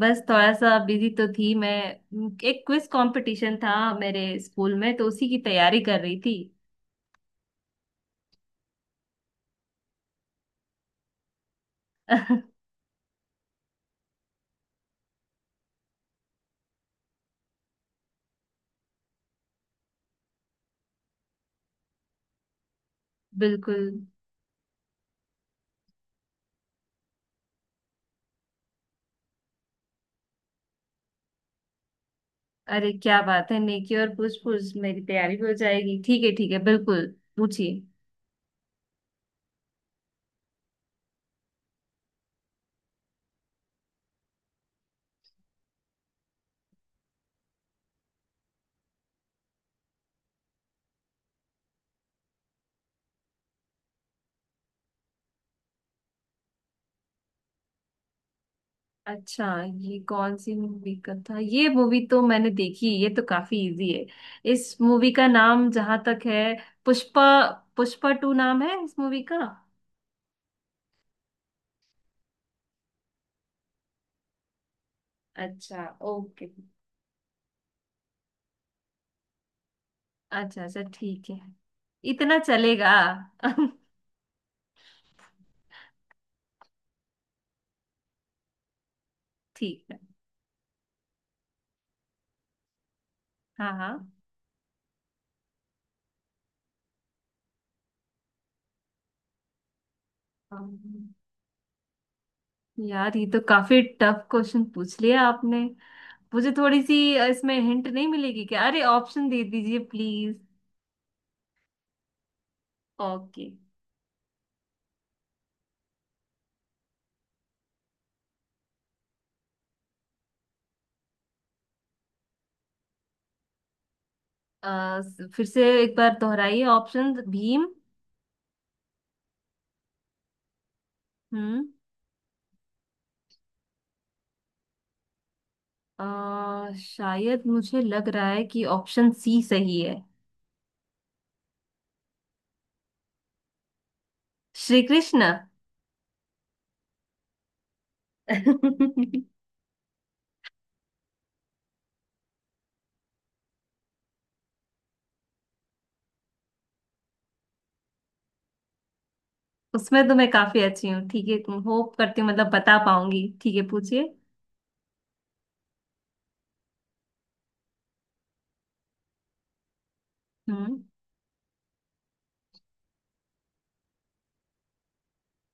बस थोड़ा सा बिजी तो थी मैं। एक क्विज कंपटीशन था मेरे स्कूल में, तो उसी की तैयारी कर रही थी। बिल्कुल। अरे, क्या बात है, नेकी और पूछ पूछ, मेरी तैयारी भी हो जाएगी। ठीक है, ठीक है, बिल्कुल। पूछिए। अच्छा, ये कौन सी मूवी का था? ये मूवी तो मैंने देखी, ये तो काफी इजी है। इस मूवी का नाम जहां तक है, पुष्पा। पुष्पा टू नाम है इस मूवी का। अच्छा, ओके। अच्छा अच्छा, ठीक है। इतना चलेगा। ठीक है। हाँ हाँ। अम्म, यार, ये तो काफी टफ क्वेश्चन पूछ लिया आपने। मुझे थोड़ी सी इसमें हिंट नहीं मिलेगी क्या? अरे, ऑप्शन दे दीजिए प्लीज। ओके। फिर से एक बार दोहराइए ऑप्शन। भीम। हम्म। शायद मुझे लग रहा है कि ऑप्शन सी सही है। श्री कृष्ण। उसमें तो मैं काफी अच्छी हूँ, ठीक है। होप करती हूँ, मतलब बता पाऊंगी। ठीक है, पूछिए। हम्म।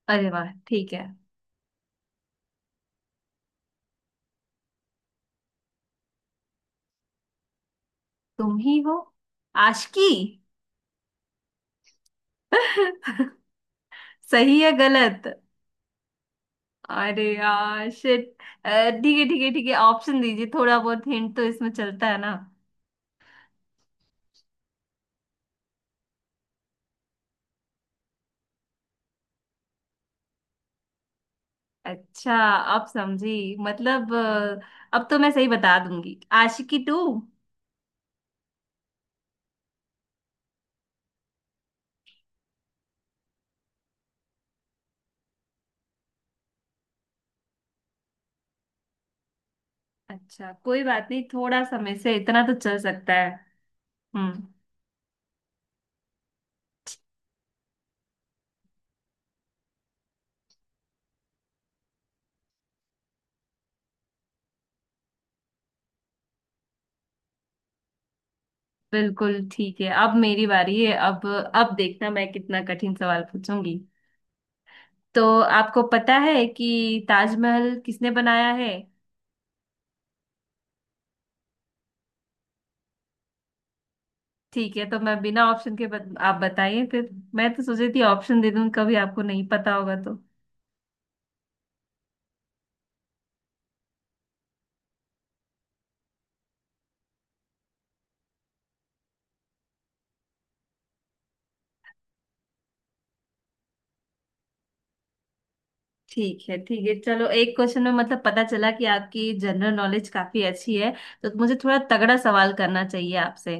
अरे वाह, ठीक है। तुम ही हो। आशिकी। सही है, गलत? अरे यार, शिट। ठीक है, ठीक है, ठीक है, ऑप्शन दीजिए, थोड़ा बहुत हिंट तो इसमें चलता है ना। अच्छा। अब समझी, मतलब अब तो मैं सही बता दूंगी। आशिकी टू। अच्छा, कोई बात नहीं, थोड़ा समय से इतना तो चल सकता है। हम्म। बिल्कुल ठीक है, अब मेरी बारी है। अब देखना मैं कितना कठिन सवाल पूछूंगी। तो आपको पता है कि ताजमहल किसने बनाया है? ठीक है, तो मैं बिना ऑप्शन के आप बताइए फिर। मैं तो सोची थी ऑप्शन दे दूं, कभी आपको नहीं पता होगा तो। ठीक है, ठीक है, चलो, एक क्वेश्चन में मतलब पता चला कि आपकी जनरल नॉलेज काफी अच्छी है। तो मुझे थोड़ा तगड़ा सवाल करना चाहिए आपसे।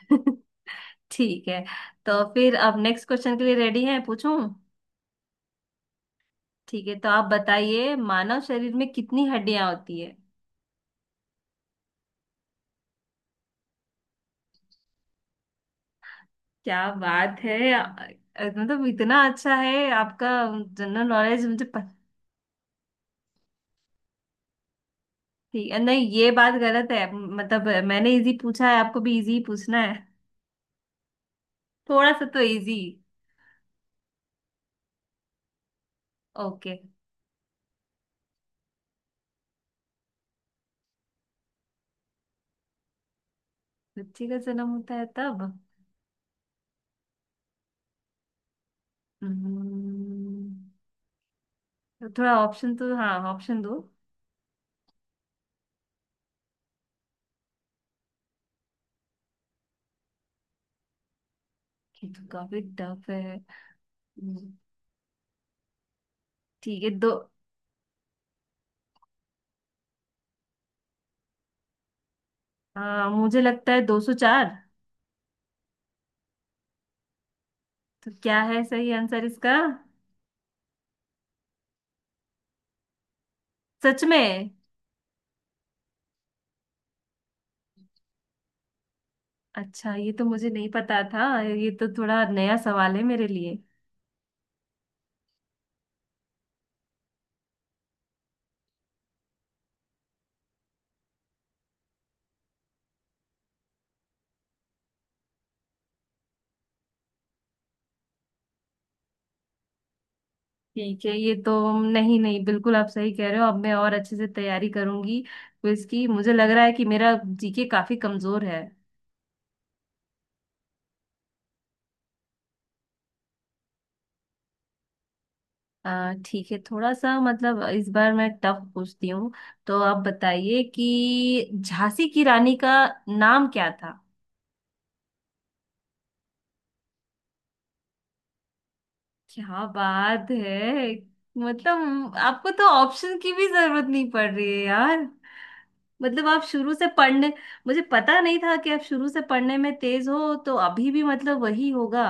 ठीक है। तो फिर अब नेक्स्ट क्वेश्चन के लिए रेडी हैं, पूछूं? ठीक है, तो आप बताइए, मानव शरीर में कितनी हड्डियां होती है? क्या बात है! मतलब इतना अच्छा है आपका जनरल नॉलेज। मुझे ठीक है, नहीं, ये बात गलत है, मतलब मैंने इजी पूछा है, आपको भी इजी पूछना है। थोड़ा सा तो इजी। ओके। बच्चे का जन्म होता है तब। हम्म, तो थोड़ा ऑप्शन तो, हाँ, ऑप्शन दो। ये तो काफी टफ है। हम्म, ठीक है, दो। मुझे लगता है 204। तो क्या है सही आंसर इसका? सच में? अच्छा, ये तो मुझे नहीं पता था, ये तो थोड़ा नया सवाल है मेरे लिए। ठीक है, ये तो नहीं नहीं, बिल्कुल आप सही कह रहे हो। अब मैं और अच्छे से तैयारी करूंगी क्विज की। मुझे लग रहा है कि मेरा जीके काफी कमजोर है। ठीक है, थोड़ा सा मतलब इस बार मैं टफ पूछती हूँ। तो आप बताइए कि झांसी की रानी का नाम क्या था? क्या बात है! मतलब आपको तो ऑप्शन की भी जरूरत नहीं पड़ रही है यार। मतलब आप शुरू से पढ़ने, मुझे पता नहीं था कि आप शुरू से पढ़ने में तेज हो, तो अभी भी मतलब वही होगा।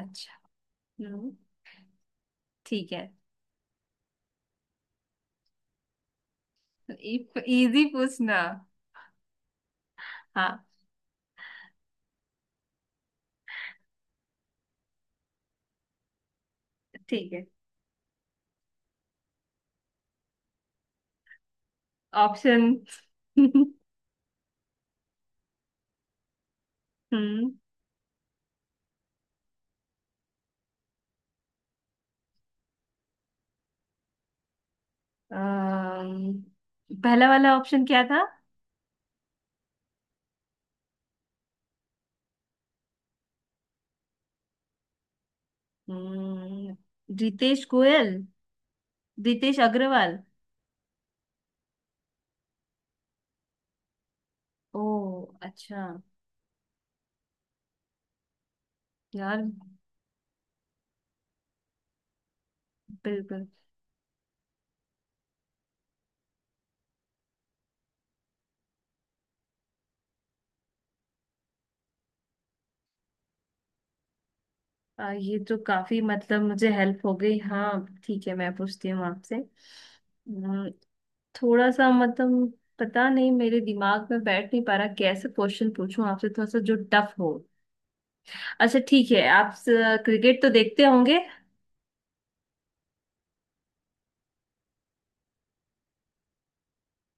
अच्छा। हम्म। ठीक है। इजी पूछना। हाँ। ठीक है। ऑप्शन। हम्म। अम्म, पहला वाला ऑप्शन क्या था? हम्म, रितेश गोयल। रितेश अग्रवाल। ओ, अच्छा यार, बिल्कुल। ये तो काफी, मतलब, मुझे हेल्प हो गई। हाँ, ठीक है, मैं पूछती हूँ आपसे। थोड़ा सा, मतलब, पता नहीं मेरे दिमाग में बैठ नहीं पा रहा कैसे क्वेश्चन पूछूं आपसे थोड़ा सा जो टफ हो। अच्छा, ठीक है, आप क्रिकेट तो देखते होंगे।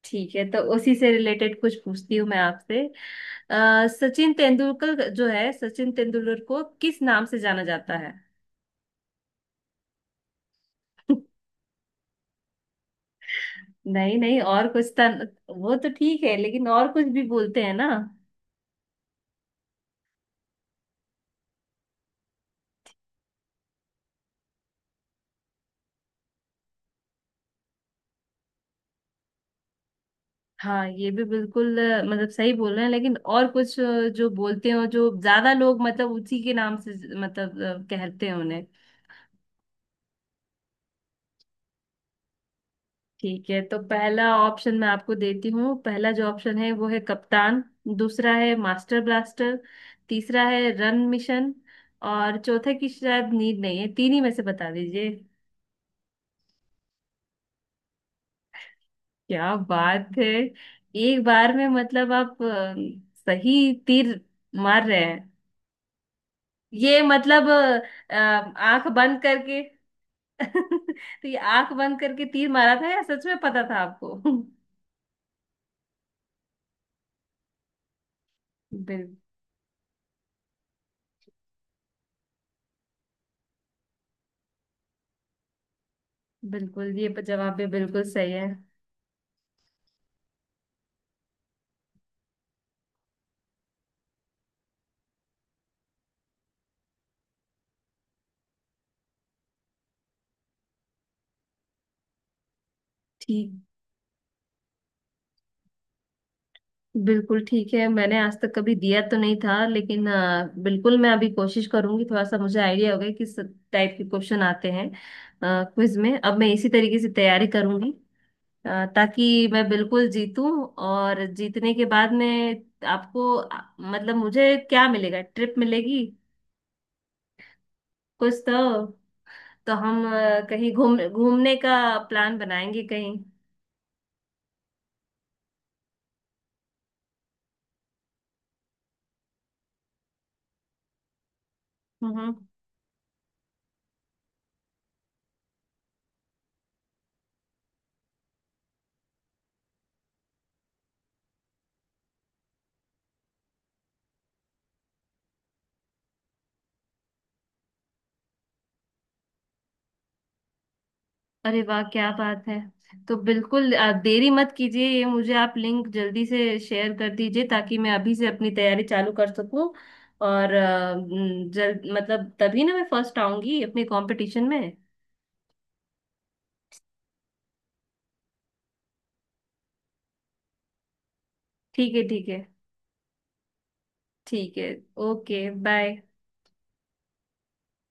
ठीक है, तो उसी से रिलेटेड कुछ पूछती हूँ मैं आपसे। सचिन तेंदुलकर जो है, सचिन तेंदुलकर को किस नाम से जाना जाता है? नहीं नहीं, और कुछ था। वो तो ठीक है, लेकिन और कुछ भी बोलते हैं ना। हाँ, ये भी बिल्कुल मतलब सही बोल रहे हैं, लेकिन और कुछ जो बोलते हैं और जो ज्यादा लोग मतलब उसी के नाम से मतलब कहते हैं उन्हें। ठीक है, तो पहला ऑप्शन मैं आपको देती हूँ। पहला जो ऑप्शन है वो है कप्तान। दूसरा है मास्टर ब्लास्टर। तीसरा है रन मिशन। और चौथे की शायद नीड नहीं है, तीन ही में से बता दीजिए। क्या बात है! एक बार में, मतलब आप सही तीर मार रहे हैं। ये, मतलब, आंख बंद करके। तो ये आंख बंद करके तीर मारा था या सच में पता था आपको? बिल, बिल्कुल, ये जवाब भी बिल्कुल सही है। ठीक। बिल्कुल ठीक है, मैंने आज तक कभी दिया तो नहीं था, लेकिन बिल्कुल मैं अभी कोशिश करूंगी। थोड़ा सा मुझे आइडिया हो गया किस टाइप के क्वेश्चन आते हैं क्विज में। अब मैं इसी तरीके से तैयारी करूंगी, ताकि मैं बिल्कुल जीतूं। और जीतने के बाद में आपको मतलब मुझे क्या मिलेगा, ट्रिप मिलेगी? कुछ तो हम कहीं घूम घूमने का प्लान बनाएंगे कहीं। हम्म। अरे वाह, क्या बात है। तो बिल्कुल आप देरी मत कीजिए, ये मुझे आप लिंक जल्दी से शेयर कर दीजिए, ताकि मैं अभी से अपनी तैयारी चालू कर सकूं। और जल्द, मतलब, तभी ना मैं फर्स्ट आऊंगी अपने कंपटीशन में। ठीक है, ठीक है, ठीक है। Okay bye.